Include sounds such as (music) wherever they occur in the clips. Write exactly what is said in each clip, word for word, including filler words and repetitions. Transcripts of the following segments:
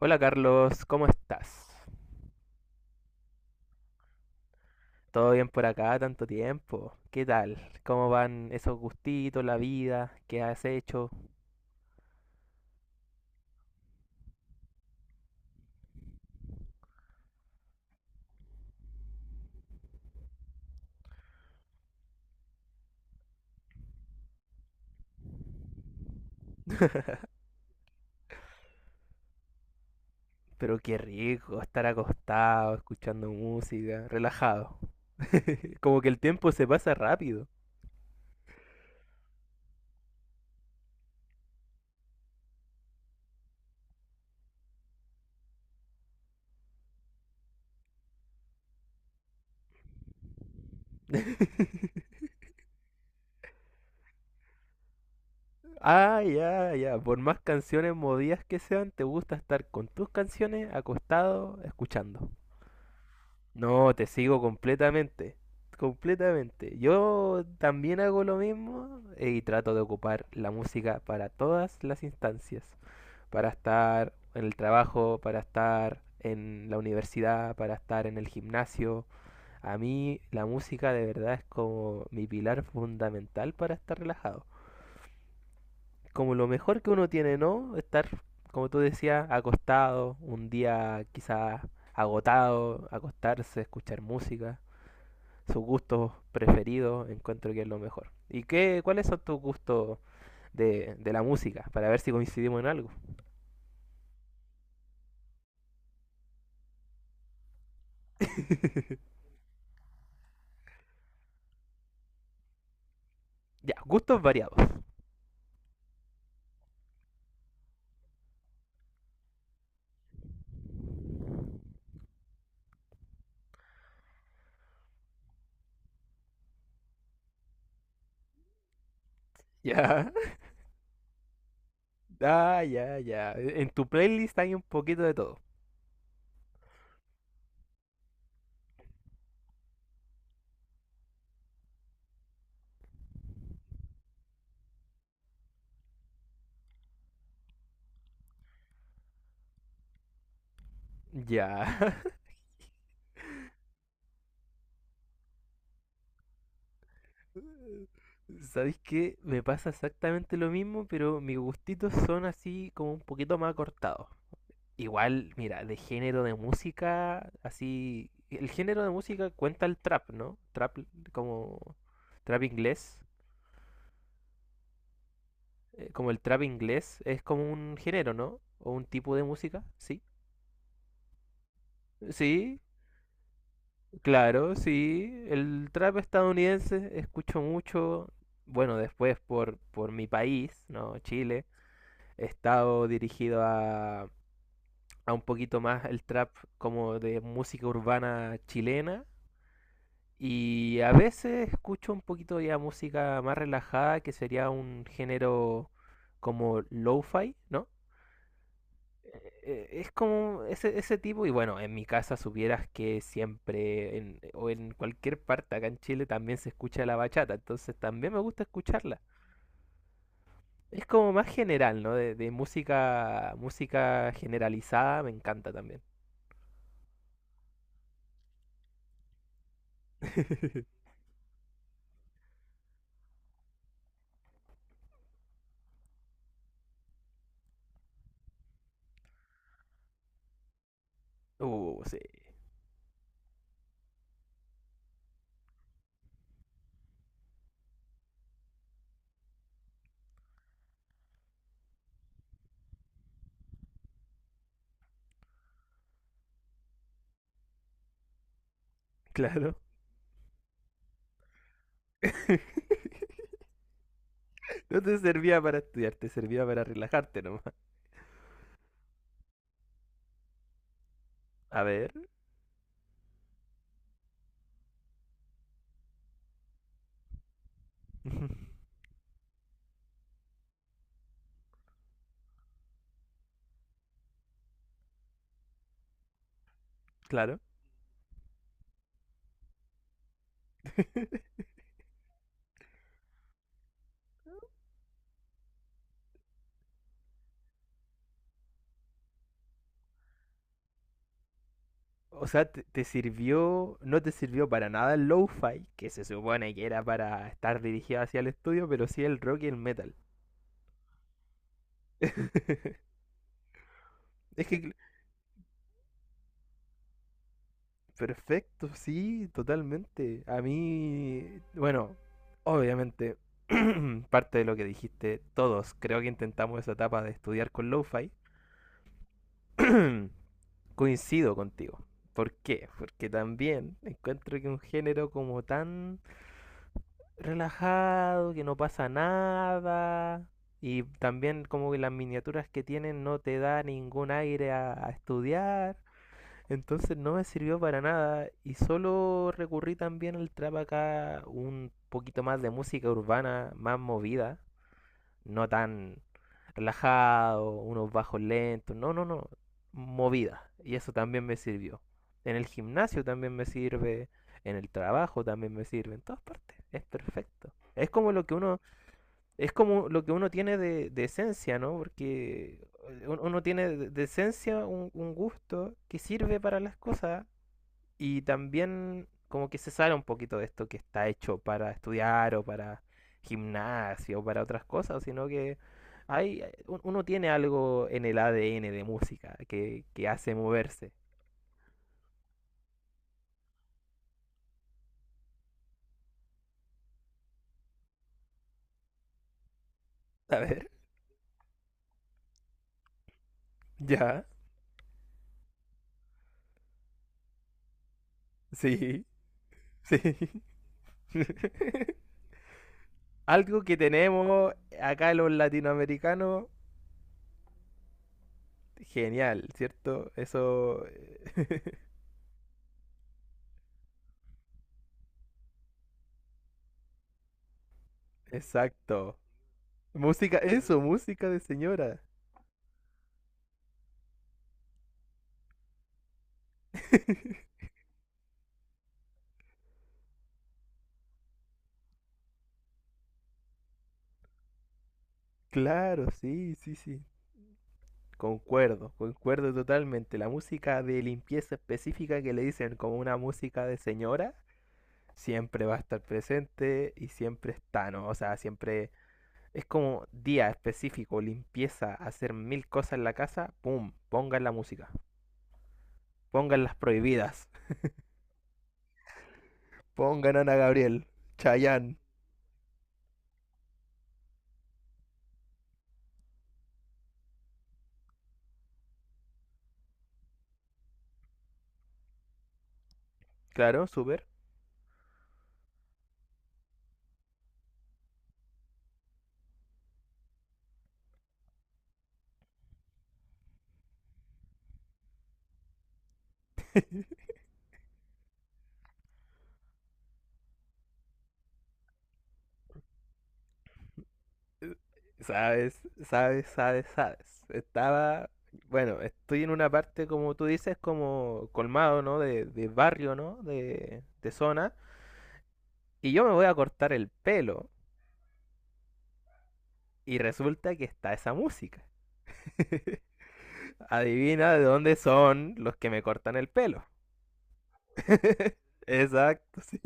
Hola Carlos, ¿cómo estás? ¿Todo bien por acá? Tanto tiempo. ¿Qué tal? ¿Cómo van esos gustitos, la vida? ¿Qué has hecho? Pero qué rico estar acostado, escuchando música, relajado. (laughs) Como que el tiempo se pasa rápido. (laughs) Ah, ya, ya. Por más canciones movidas que sean, te gusta estar con tus canciones acostado, escuchando. No, te sigo completamente, completamente. Yo también hago lo mismo, eh, y trato de ocupar la música para todas las instancias, para estar en el trabajo, para estar en la universidad, para estar en el gimnasio. A mí la música de verdad es como mi pilar fundamental para estar relajado. Como lo mejor que uno tiene, ¿no? Estar, como tú decías, acostado, un día quizás agotado, acostarse, escuchar música sus gustos preferidos, encuentro que es lo mejor. ¿Y qué, cuáles son tus gustos de, de la música? Para ver si coincidimos en algo. Ya, gustos variados. (laughs) Ya. Ah, ya, ya. En tu playlist hay un poquito de todo. Ya. (laughs) ¿Sabéis qué? Me pasa exactamente lo mismo, pero mis gustitos son así como un poquito más cortados. Igual, mira, de género de música, así... El género de música cuenta el trap, ¿no? Trap como... Trap inglés. Eh, como el trap inglés es como un género, ¿no? O un tipo de música, sí. Sí, claro, sí. El trap estadounidense escucho mucho. Bueno, después por, por mi país, ¿no? Chile. He estado dirigido a, a un poquito más el trap como de música urbana chilena. Y a veces escucho un poquito ya música más relajada, que sería un género como lo-fi, ¿no? Eh, eh, es como ese, ese tipo, y bueno, en mi casa supieras que siempre, en- o en cualquier parte acá en Chile también se escucha la bachata, entonces también me gusta escucharla. Es como más general, ¿no? De, de música, música generalizada me encanta también. (laughs) Uh, sí, claro. (laughs) No te servía para estudiar, te servía para relajarte nomás. A ver. (laughs) Claro. (laughs) O sea, te, te sirvió, no te sirvió para nada el lo-fi, que se supone que era para estar dirigido hacia el estudio, pero sí el rock y el metal. (laughs) Es que, cl- Perfecto, sí, totalmente. A mí, bueno, obviamente, (clears throat) parte de lo que dijiste, todos creo que intentamos esa etapa de estudiar con lo-fi. (clears throat) Coincido contigo. ¿Por qué? Porque también encuentro que un género como tan relajado, que no pasa nada. Y también como que las miniaturas que tienen no te da ningún aire a, a estudiar. Entonces no me sirvió para nada. Y solo recurrí también al trap acá un poquito más de música urbana, más movida, no tan relajado, unos bajos lentos, no, no, no, movida. Y eso también me sirvió. En el gimnasio también me sirve, en el trabajo también me sirve, en todas partes. Es perfecto. Es como lo que uno, es como lo que uno tiene de, de esencia, ¿no? Porque eh, un- uno tiene de de esencia un, un gusto que sirve para las cosas y también como que se sale un poquito de esto que está hecho para estudiar o para gimnasio o para otras cosas, sino que hay, eh, un- uno tiene algo en el A D N de música que, que hace moverse. A ver, (laughs) ya, sí, sí. (laughs) Algo que tenemos acá los latinoamericanos, genial, ¿cierto? Eso, (laughs) exacto. Música, eso, música de señora. (laughs) Claro, sí, sí, sí. Concuerdo, concuerdo totalmente. La música de limpieza específica que le dicen como una música de señora siempre va a estar presente y siempre está, ¿no? O sea, siempre es como día específico, limpieza, hacer mil cosas en la casa, ¡pum! Pongan la música, pongan las prohibidas, pongan Ana Gabriel, Chayanne. Claro, súper. Sabes, sabes, sabes, sabes. Estaba, bueno, estoy en una parte, como tú dices, como colmado, ¿no? De, de barrio, ¿no? De, de zona. Y yo me voy a cortar el pelo. Y resulta que está esa música. (laughs) Adivina de dónde son los que me cortan el pelo. (laughs) Exacto, sí.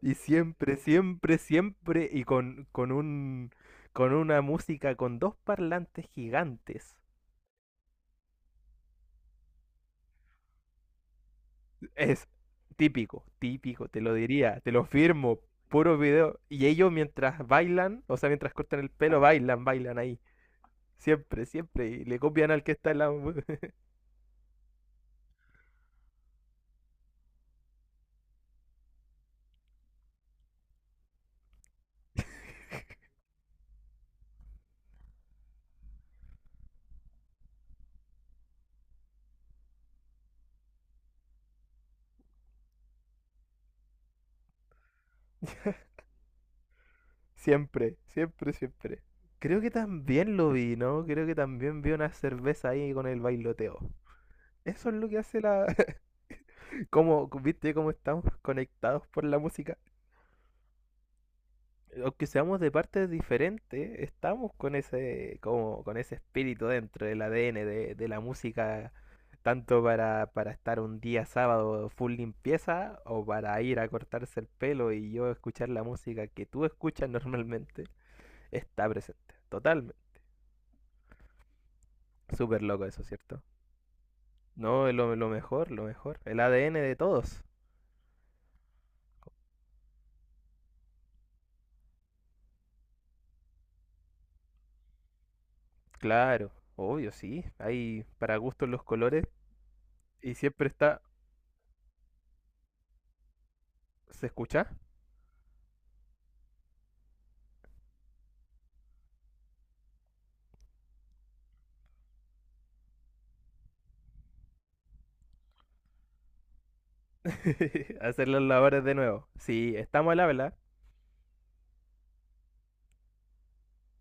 Y siempre, siempre, siempre, y con, con un, con una música con dos parlantes gigantes. Es típico, típico, te lo diría, te lo firmo, puro video. Y ellos mientras bailan, o sea, mientras cortan el pelo, bailan, bailan ahí. Siempre, siempre. Y le copian al que está al lado. (laughs) Siempre, siempre, siempre. Creo que también lo vi, ¿no? Creo que también vi una cerveza ahí con el bailoteo. Eso es lo que hace la... (laughs) Como, ¿viste cómo estamos conectados por la música? Aunque seamos de partes diferentes, estamos con ese, como, con ese espíritu dentro del A D N de, de la música, tanto para, para estar un día sábado full limpieza o para ir a cortarse el pelo y yo escuchar la música que tú escuchas normalmente, está presente, totalmente. Súper loco eso, ¿cierto? No, lo, lo mejor, lo mejor. El A D N de todos. Claro, obvio, sí. Hay para gustos los colores y siempre está... ¿Se escucha? (laughs) Hacer los labores de nuevo. Sí, estamos al habla.